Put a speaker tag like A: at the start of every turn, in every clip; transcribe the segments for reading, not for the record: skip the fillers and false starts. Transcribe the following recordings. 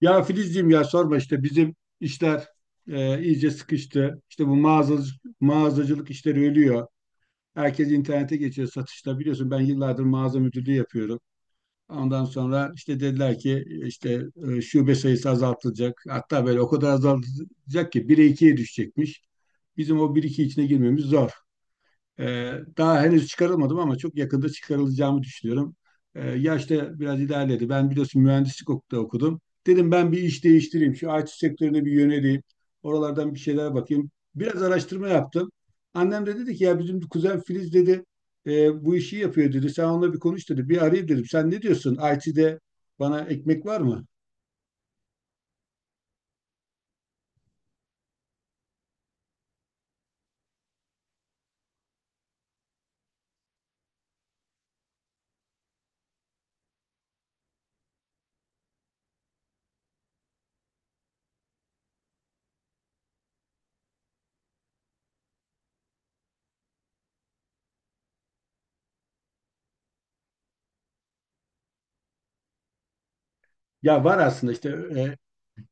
A: Ya Filizciğim ya sorma işte bizim işler iyice sıkıştı. İşte bu mağazacılık, mağazacılık işleri ölüyor. Herkes internete geçiyor satışta. Biliyorsun ben yıllardır mağaza müdürlüğü yapıyorum. Ondan sonra işte dediler ki işte şube sayısı azaltılacak. Hatta böyle o kadar azaltılacak ki 1'e ikiye düşecekmiş. Bizim o bir iki içine girmemiz zor. Daha henüz çıkarılmadım ama çok yakında çıkarılacağımı düşünüyorum. Yaş da biraz ilerledi. Ben biliyorsun mühendislik okulda okudum. Dedim ben bir iş değiştireyim. Şu IT sektörüne bir yöneleyim. Oralardan bir şeyler bakayım. Biraz araştırma yaptım. Annem de dedi ki ya bizim kuzen Filiz dedi bu işi yapıyor dedi. Sen onunla bir konuş dedi. Bir arayayım dedim. Sen ne diyorsun? IT'de bana ekmek var mı? Ya var aslında işte e,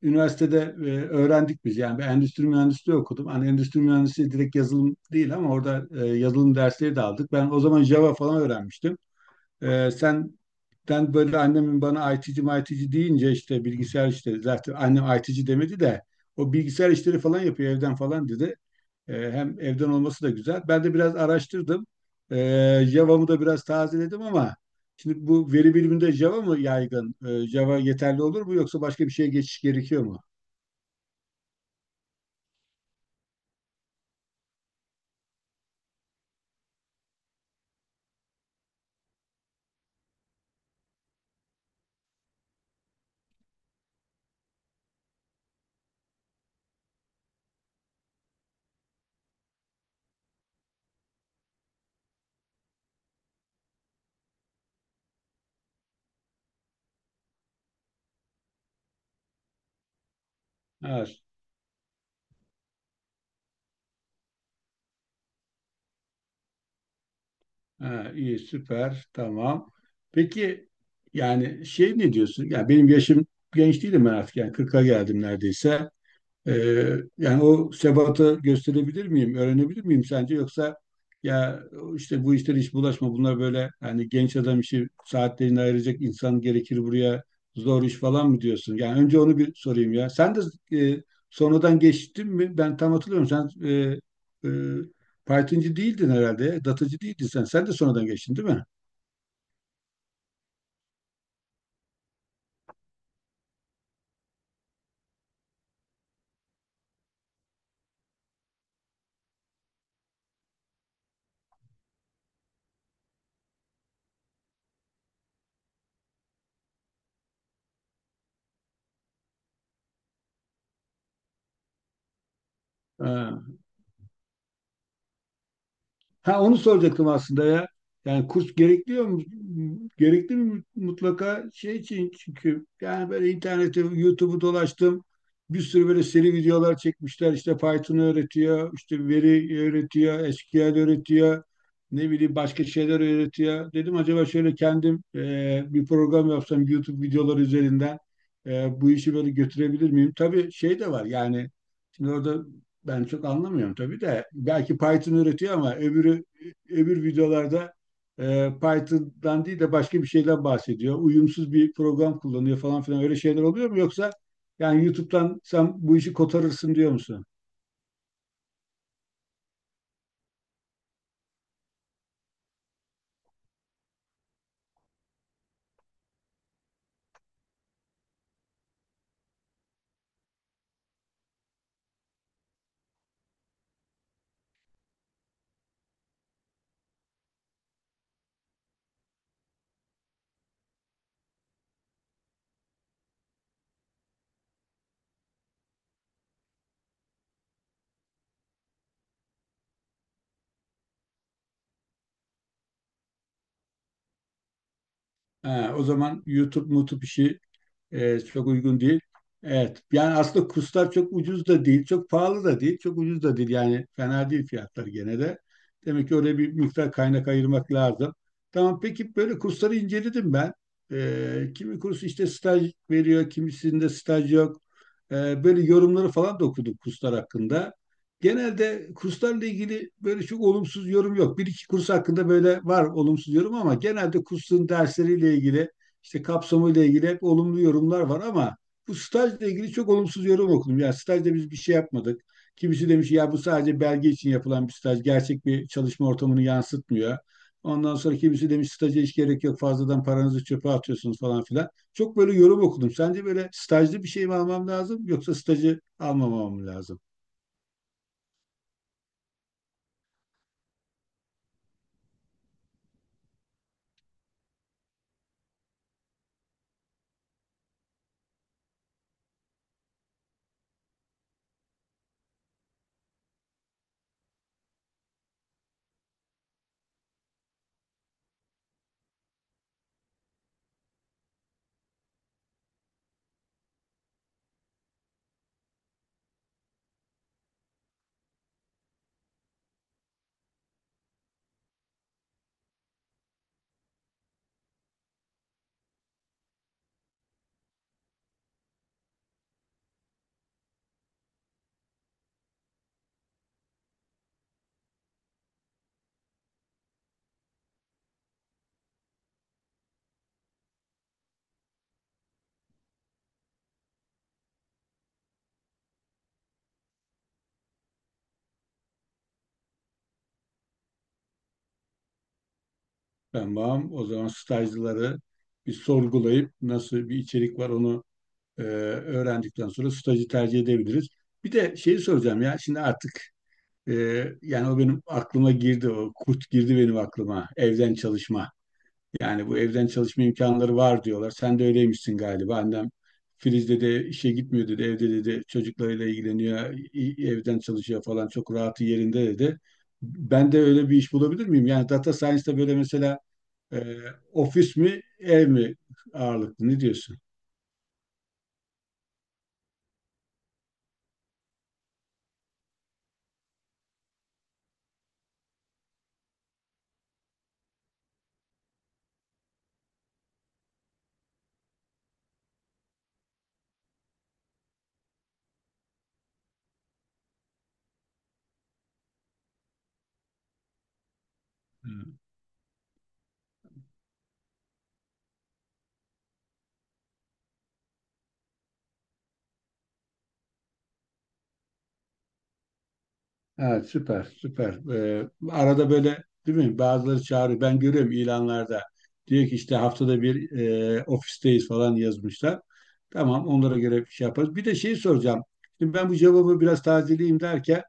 A: üniversitede öğrendik biz. Yani ben endüstri mühendisliği okudum. Hani endüstri mühendisliği direkt yazılım değil ama orada yazılım dersleri de aldık. Ben o zaman Java falan öğrenmiştim. E, sen ben böyle annemin bana IT'ci deyince işte bilgisayar işleri zaten annem IT'ci demedi de o bilgisayar işleri falan yapıyor evden falan dedi. E, hem evden olması da güzel. Ben de biraz araştırdım. E, Java'mı da biraz tazeledim ama şimdi bu veri biliminde Java mı yaygın? E, Java yeterli olur mu yoksa başka bir şeye geçiş gerekiyor mu? Evet. Ha, iyi, süper. Tamam. Peki yani şey ne diyorsun? Yani benim yaşım genç değilim ben artık. Yani 40'a geldim neredeyse. Yani o sebatı gösterebilir miyim, öğrenebilir miyim sence? Yoksa ya işte bu işlere hiç bulaşma, bunlar böyle hani genç adam işi saatlerini ayıracak insan gerekir buraya zor iş falan mı diyorsun? Yani önce onu bir sorayım ya. Sen de e, sonradan geçtin mi? Ben tam hatırlıyorum. Sen e, Python'cı değildin herhalde, datacı değildin sen. Sen de sonradan geçtin değil mi? Ha. Ha onu soracaktım aslında ya. Yani kurs gerekliyor mu? Gerekli mi mutlaka şey için çünkü yani böyle internette YouTube'u dolaştım. Bir sürü böyle seri videolar çekmişler. İşte Python öğretiyor, işte veri öğretiyor, SQL öğretiyor. Ne bileyim başka şeyler öğretiyor. Dedim acaba şöyle kendim bir program yapsam YouTube videoları üzerinden bu işi böyle götürebilir miyim? Tabii şey de var yani şimdi orada ben çok anlamıyorum tabii de belki Python üretiyor ama öbür videolarda Python'dan değil de başka bir şeyden bahsediyor. Uyumsuz bir program kullanıyor falan filan öyle şeyler oluyor mu yoksa yani YouTube'dan sen bu işi kotarırsın diyor musun? Ha, o zaman YouTube işi E, çok uygun değil. Evet. Yani aslında kurslar çok ucuz da değil, çok pahalı da değil, çok ucuz da değil. Yani fena değil fiyatları gene de. Demek ki oraya bir miktar kaynak ayırmak lazım. Tamam peki böyle kursları inceledim ben. Kimi kurs işte staj veriyor, kimisinde staj yok. Böyle yorumları falan da okudum kurslar hakkında. Genelde kurslarla ilgili böyle çok olumsuz yorum yok. Bir iki kurs hakkında böyle var olumsuz yorum ama genelde kursun dersleriyle ilgili işte kapsamıyla ilgili hep olumlu yorumlar var ama bu stajla ilgili çok olumsuz yorum okudum. Ya stajda biz bir şey yapmadık. Kimisi demiş ya bu sadece belge için yapılan bir staj. Gerçek bir çalışma ortamını yansıtmıyor. Ondan sonra kimisi demiş staja hiç gerek yok fazladan paranızı çöpe atıyorsunuz falan filan. Çok böyle yorum okudum. Sence böyle stajlı bir şey mi almam lazım yoksa stajı almamam mı lazım? Ben bağım o zaman stajlıları bir sorgulayıp nasıl bir içerik var onu öğrendikten sonra stajı tercih edebiliriz. Bir de şeyi soracağım ya şimdi artık e, yani o benim aklıma girdi o kurt girdi benim aklıma evden çalışma. Yani bu evden çalışma imkanları var diyorlar. Sen de öyleymişsin galiba. Annem Filiz dedi işe gitmiyor dedi evde dedi çocuklarıyla ilgileniyor evden çalışıyor falan çok rahatı yerinde dedi. Ben de öyle bir iş bulabilir miyim? Yani data science'da böyle mesela e, ofis mi ev mi ağırlıklı ne diyorsun? Evet süper süper. Arada böyle değil mi? Bazıları çağırıyor. Ben görüyorum ilanlarda. Diyor ki işte haftada bir ofisteyiz falan yazmışlar. Tamam onlara göre bir şey yaparız. Bir de şeyi soracağım. Şimdi ben bu cevabı biraz tazeleyeyim derken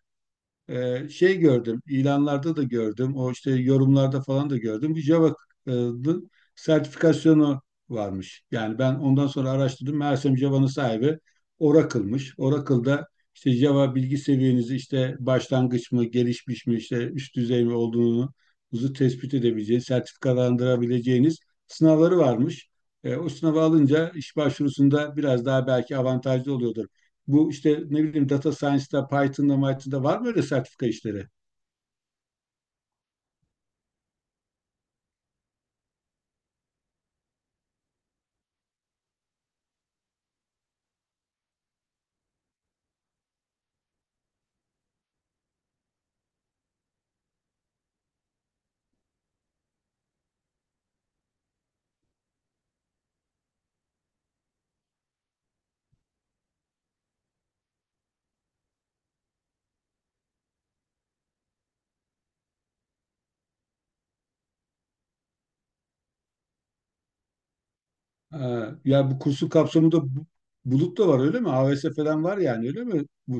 A: şey gördüm, ilanlarda da gördüm, o işte yorumlarda falan da gördüm. Bu Java e, dı- sertifikasyonu varmış. Yani ben ondan sonra araştırdım. Meğersem Java'nın sahibi Oracle'mış. Oracle'da işte Java bilgi seviyenizi işte başlangıç mı, gelişmiş mi, işte üst düzey mi olduğunuzu tespit edebileceğiniz, sertifikalandırabileceğiniz sınavları varmış. E, o sınavı alınca iş başvurusunda biraz daha belki avantajlı oluyordur bu işte ne bileyim data science'da, Python'da var mı öyle sertifika işleri? Ha, ya bu kursun kapsamında bulut da var öyle mi? AWS falan var yani öyle mi? Bu,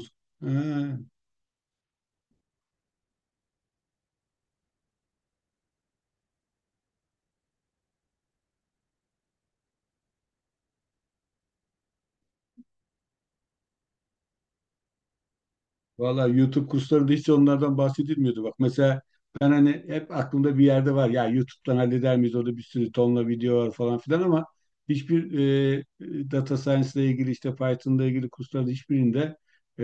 A: Valla YouTube kurslarında hiç onlardan bahsedilmiyordu. Bak mesela ben hani hep aklımda bir yerde var. Ya YouTube'dan halleder miyiz? Orada bir sürü tonla video var falan filan ama hiçbir data science ile ilgili işte Python'la ilgili kurslarda hiçbirinde e,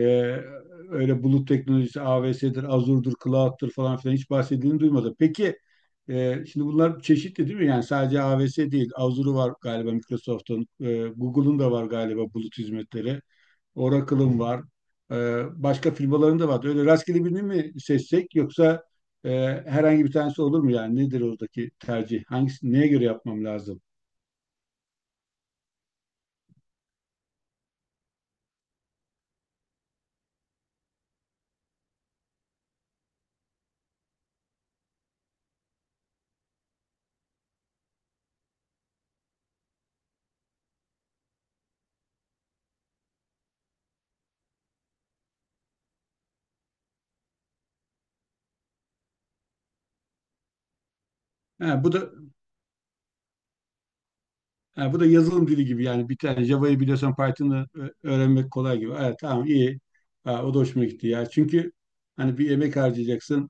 A: öyle bulut teknolojisi AWS'dir, Azure'dur, Cloud'dur falan filan hiç bahsedildiğini duymadım. Peki şimdi bunlar çeşitli değil mi? Yani sadece AWS değil. Azure var galiba Microsoft'un. Google'un da var galiba bulut hizmetleri. Oracle'ın var. Başka firmaların da vardı. Öyle rastgele birini mi seçsek yoksa e, herhangi bir tanesi olur mu yani? Nedir oradaki tercih? Hangisi, neye göre yapmam lazım? Ha, bu da Ha, bu da yazılım dili gibi yani bir tane Java'yı biliyorsan Python'ı öğrenmek kolay gibi. Evet tamam iyi. Ha, o da hoşuma gitti ya. Çünkü hani bir emek harcayacaksın.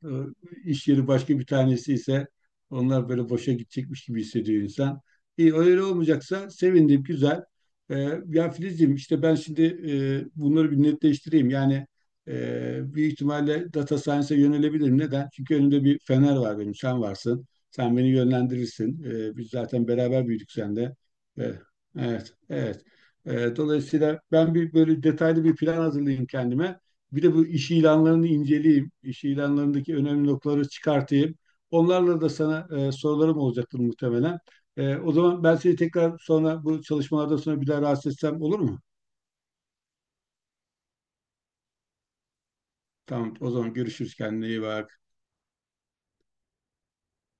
A: İş yeri başka bir tanesi ise onlar böyle boşa gidecekmiş gibi hissediyor insan. İyi öyle olmayacaksa sevindim güzel. Ya Filizciğim işte ben şimdi bunları bir netleştireyim. Yani büyük ihtimalle data science'a yönelebilirim. Neden? Çünkü önümde bir fener var benim. Sen varsın. Sen beni yönlendirirsin. Biz zaten beraber büyüdük seninle. Evet, evet, evet. Dolayısıyla ben bir böyle detaylı bir plan hazırlayayım kendime. Bir de bu iş ilanlarını inceleyeyim. İş ilanlarındaki önemli noktaları çıkartayım. Onlarla da sana sorularım olacaktır muhtemelen. O zaman ben seni tekrar sonra bu çalışmalardan sonra bir daha rahatsız etsem olur mu? Tamam, o zaman görüşürüz. Kendine iyi bak.